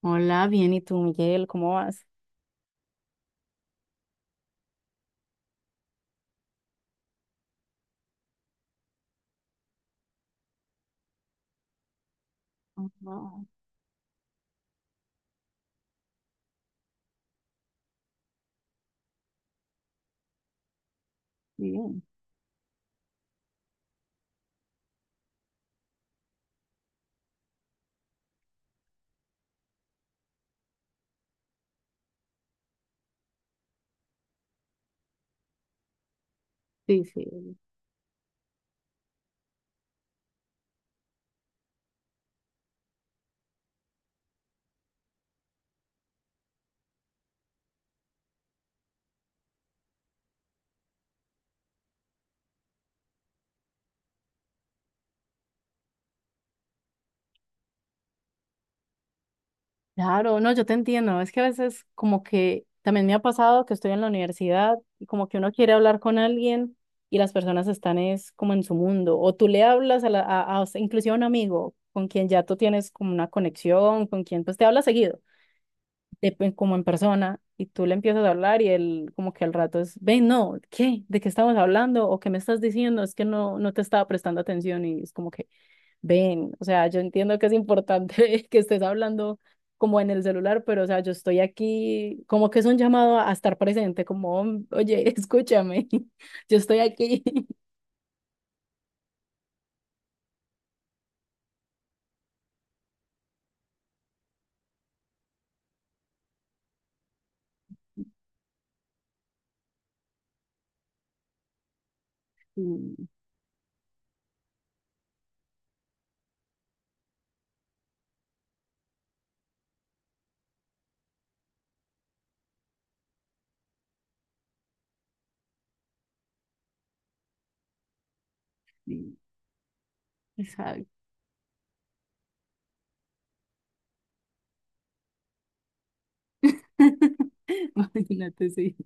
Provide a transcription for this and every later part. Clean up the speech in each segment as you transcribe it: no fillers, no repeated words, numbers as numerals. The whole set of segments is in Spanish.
Hola, bien, ¿y tú, Miguel? ¿Cómo vas? Ajá, bien, sí, sí. Claro, no, yo te entiendo. Es que a veces como que también me ha pasado que estoy en la universidad y como que uno quiere hablar con alguien y las personas están es como en su mundo. O tú le hablas a, la, a- o inclusive a un amigo con quien ya tú tienes como una conexión, con quien pues te hablas seguido, como en persona, y tú le empiezas a hablar y él como que al rato es, ven, no, ¿qué? ¿De qué estamos hablando? ¿O qué me estás diciendo? Es que no te estaba prestando atención y es como que... Ven, o sea, yo entiendo que es importante que estés hablando como en el celular, pero o sea, yo estoy aquí, como que es un llamado a estar presente, como, oye, escúchame, yo estoy aquí. Sí, sí, exacto. Imagínate, sí.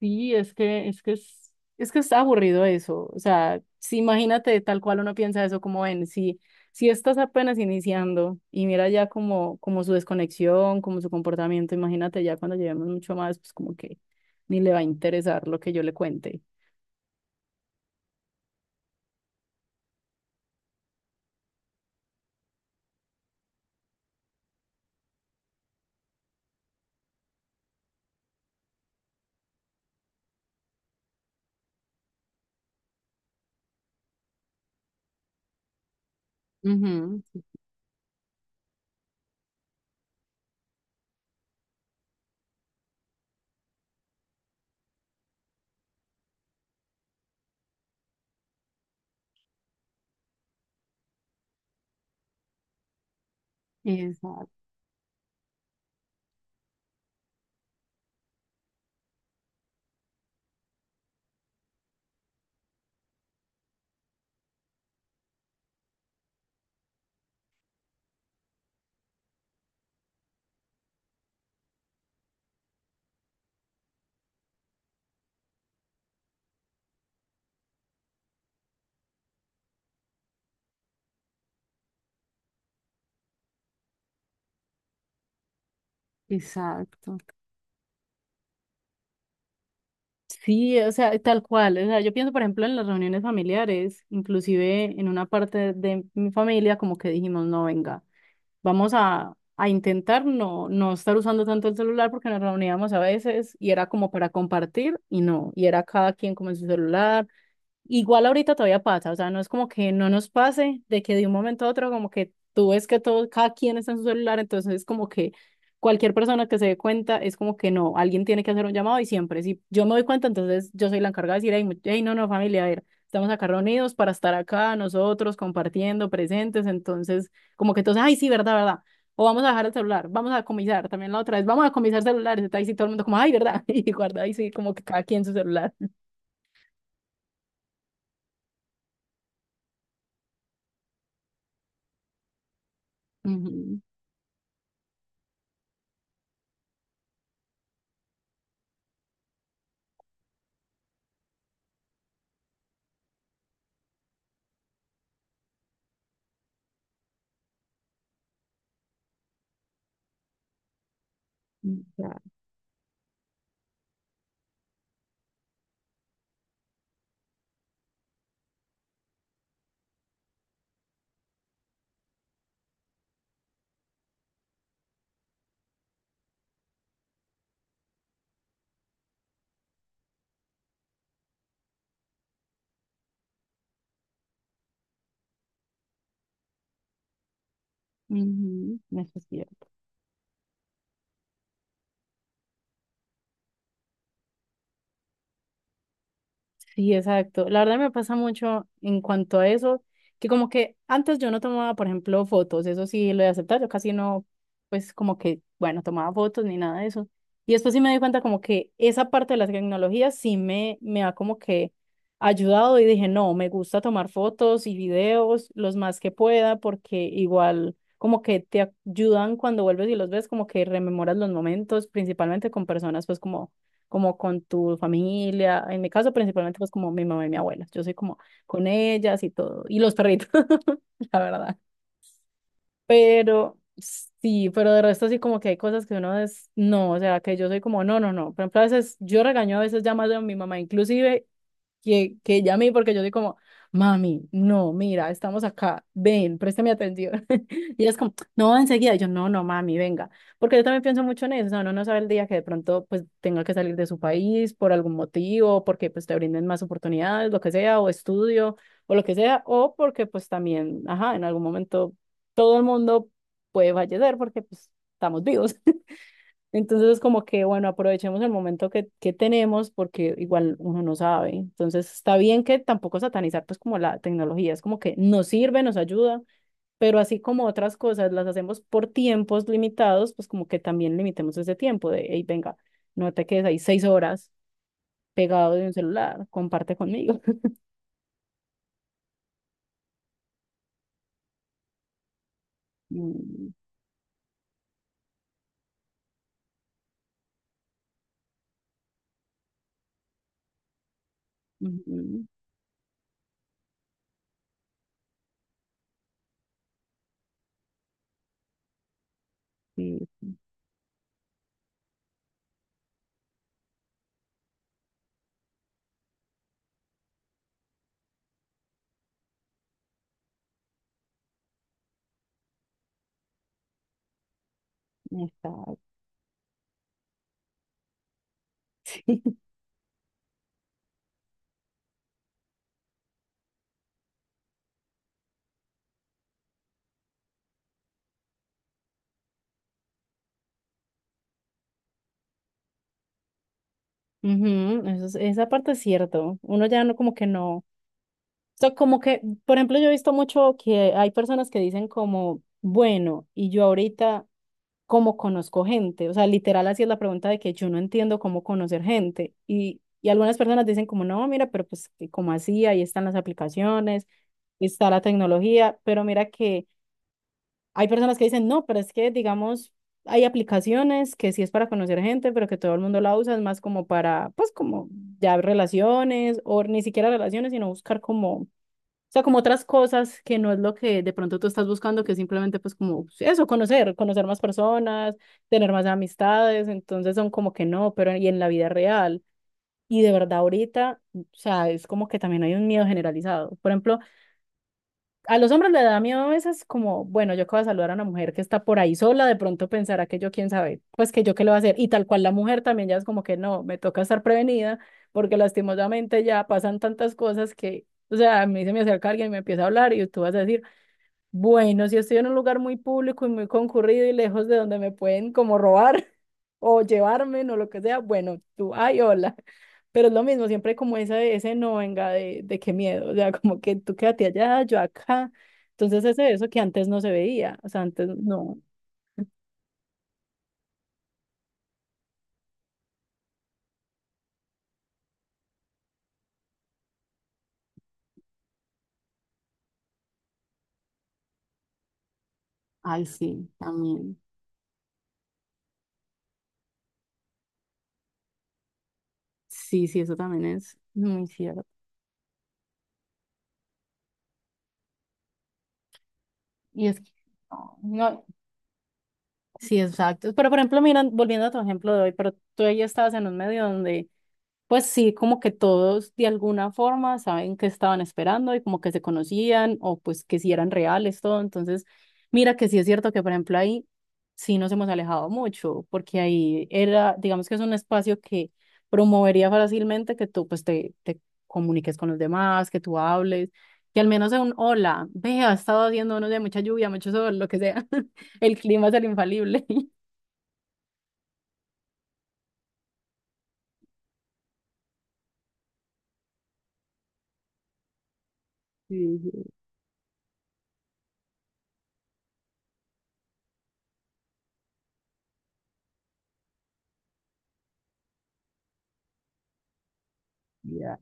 Sí, es que está aburrido eso. O sea, si imagínate tal cual uno piensa eso, como ven, si, si estás apenas iniciando y mira ya como, como su desconexión, como su comportamiento, imagínate ya cuando llevemos mucho más, pues como que ni le va a interesar lo que yo le cuente. Ujú. Exacto, exacto. Sí, o sea, tal cual. O sea, yo pienso, por ejemplo, en las reuniones familiares, inclusive en una parte de mi familia, como que dijimos, no, venga. Vamos a intentar no estar usando tanto el celular porque nos reuníamos a veces y era como para compartir y no, y era cada quien como en su celular. Igual ahorita todavía pasa, o sea, no es como que no nos pase de que de un momento a otro como que tú ves que todo, cada quien está en su celular, entonces es como que cualquier persona que se dé cuenta es como que no, alguien tiene que hacer un llamado y siempre, si yo me doy cuenta, entonces yo soy la encargada de decir, hey, hey, no, no, familia, a ver, estamos acá reunidos para estar acá nosotros compartiendo, presentes, entonces como que entonces, ay, sí, verdad, verdad. O vamos a dejar el celular, vamos a comisar, también la otra vez, vamos a comisar celulares, está ahí sí todo el mundo como, ay, verdad, y guarda ahí sí como que cada quien su celular. Ujú. Ujú, eso es cierto. Sí, exacto. La verdad me pasa mucho en cuanto a eso, que como que antes yo no tomaba, por ejemplo, fotos, eso sí lo he aceptado, yo casi no, pues como que, bueno, tomaba fotos ni nada de eso. Y después sí me di cuenta como que esa parte de las tecnologías sí me ha como que ayudado y dije, no, me gusta tomar fotos y videos los más que pueda porque igual como que te ayudan cuando vuelves y los ves, como que rememoras los momentos, principalmente con personas pues como como con tu familia, en mi caso principalmente pues como mi mamá y mi abuela, yo soy como con ellas y todo, y los perritos, la verdad. Pero sí, pero de resto sí como que hay cosas que uno es, no, o sea, que yo soy como, no, no, no, por ejemplo, a veces yo regaño a veces ya más a mi mamá inclusive que llamé porque yo soy como, mami, no, mira, estamos acá, ven, préstame atención. Y ella es como, no, enseguida. Y yo, no, no, mami, venga. Porque yo también pienso mucho en eso, o sea, uno no sabe el día que de pronto pues tenga que salir de su país por algún motivo, porque pues te brinden más oportunidades, lo que sea, o estudio, o lo que sea, o porque pues también, ajá, en algún momento todo el mundo puede fallecer porque pues estamos vivos. Entonces es como que, bueno, aprovechemos el momento que tenemos porque igual uno no sabe. Entonces está bien que tampoco satanizar pues como la tecnología, es como que nos sirve, nos ayuda, pero así como otras cosas las hacemos por tiempos limitados, pues como que también limitemos ese tiempo de, hey, venga, no te quedes ahí 6 horas pegado de un celular, comparte conmigo. Mm, ujú, sí, exacto. Ujú, eso esa parte es cierto. Uno ya no como que no. O sea, como que, por ejemplo, yo he visto mucho que hay personas que dicen como, bueno, y yo ahorita, ¿cómo conozco gente? O sea, literal, así es la pregunta de que yo no entiendo cómo conocer gente. Y algunas personas dicen como, no, mira, pero pues, ¿como así? Ahí están las aplicaciones, está la tecnología, pero mira que hay personas que dicen, no, pero es que, digamos, hay aplicaciones que sí es para conocer gente, pero que todo el mundo la usa, es más como para, pues, como ya relaciones, o ni siquiera relaciones, sino buscar como o sea, como otras cosas que no es lo que de pronto tú estás buscando, que es simplemente pues como eso, conocer, conocer más personas, tener más amistades, entonces son como que no, pero y en la vida real. Y de verdad ahorita, o sea, es como que también hay un miedo generalizado. Por ejemplo, a los hombres le da miedo a veces como, bueno, yo que voy a saludar a una mujer que está por ahí sola, de pronto pensará que yo, quién sabe, pues que yo qué le voy a hacer. Y tal cual la mujer también ya es como que no, me toca estar prevenida porque lastimosamente ya pasan tantas cosas que, o sea, a mí se me acerca alguien y me empieza a hablar y tú vas a decir, bueno, si estoy en un lugar muy público y muy concurrido y lejos de donde me pueden como robar, o llevarme, o lo que sea, bueno, tú, ay, hola. Pero es lo mismo, siempre hay como ese no venga de qué miedo, o sea, como que tú quédate allá, yo acá. Entonces ese eso que antes no se veía, o sea, antes no. Ay, sí, también. Sí, sí, eso también es muy cierto. Y es que, no, no, sí, exacto. Pero, por ejemplo, mira, volviendo a tu ejemplo de hoy, pero tú ahí estabas en un medio donde pues sí, como que todos de alguna forma saben que estaban esperando y como que se conocían o pues que si eran reales, todo. Entonces, mira que sí es cierto que, por ejemplo, ahí sí nos hemos alejado mucho, porque ahí era, digamos que es un espacio que promovería fácilmente que tú pues te comuniques con los demás, que tú hables, que al menos sea un hola, vea, ha estado haciendo unos de mucha lluvia, mucho sol, lo que sea. El clima es el infalible. Sí, sí, ya.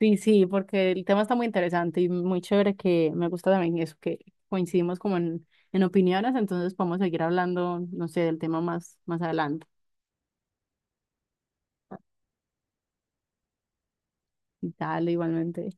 Sí, sí, porque el tema está muy interesante y muy chévere que me gusta también eso, que coincidimos como en opiniones, entonces podemos seguir hablando, no sé, del tema más, más adelante. Dale, igualmente.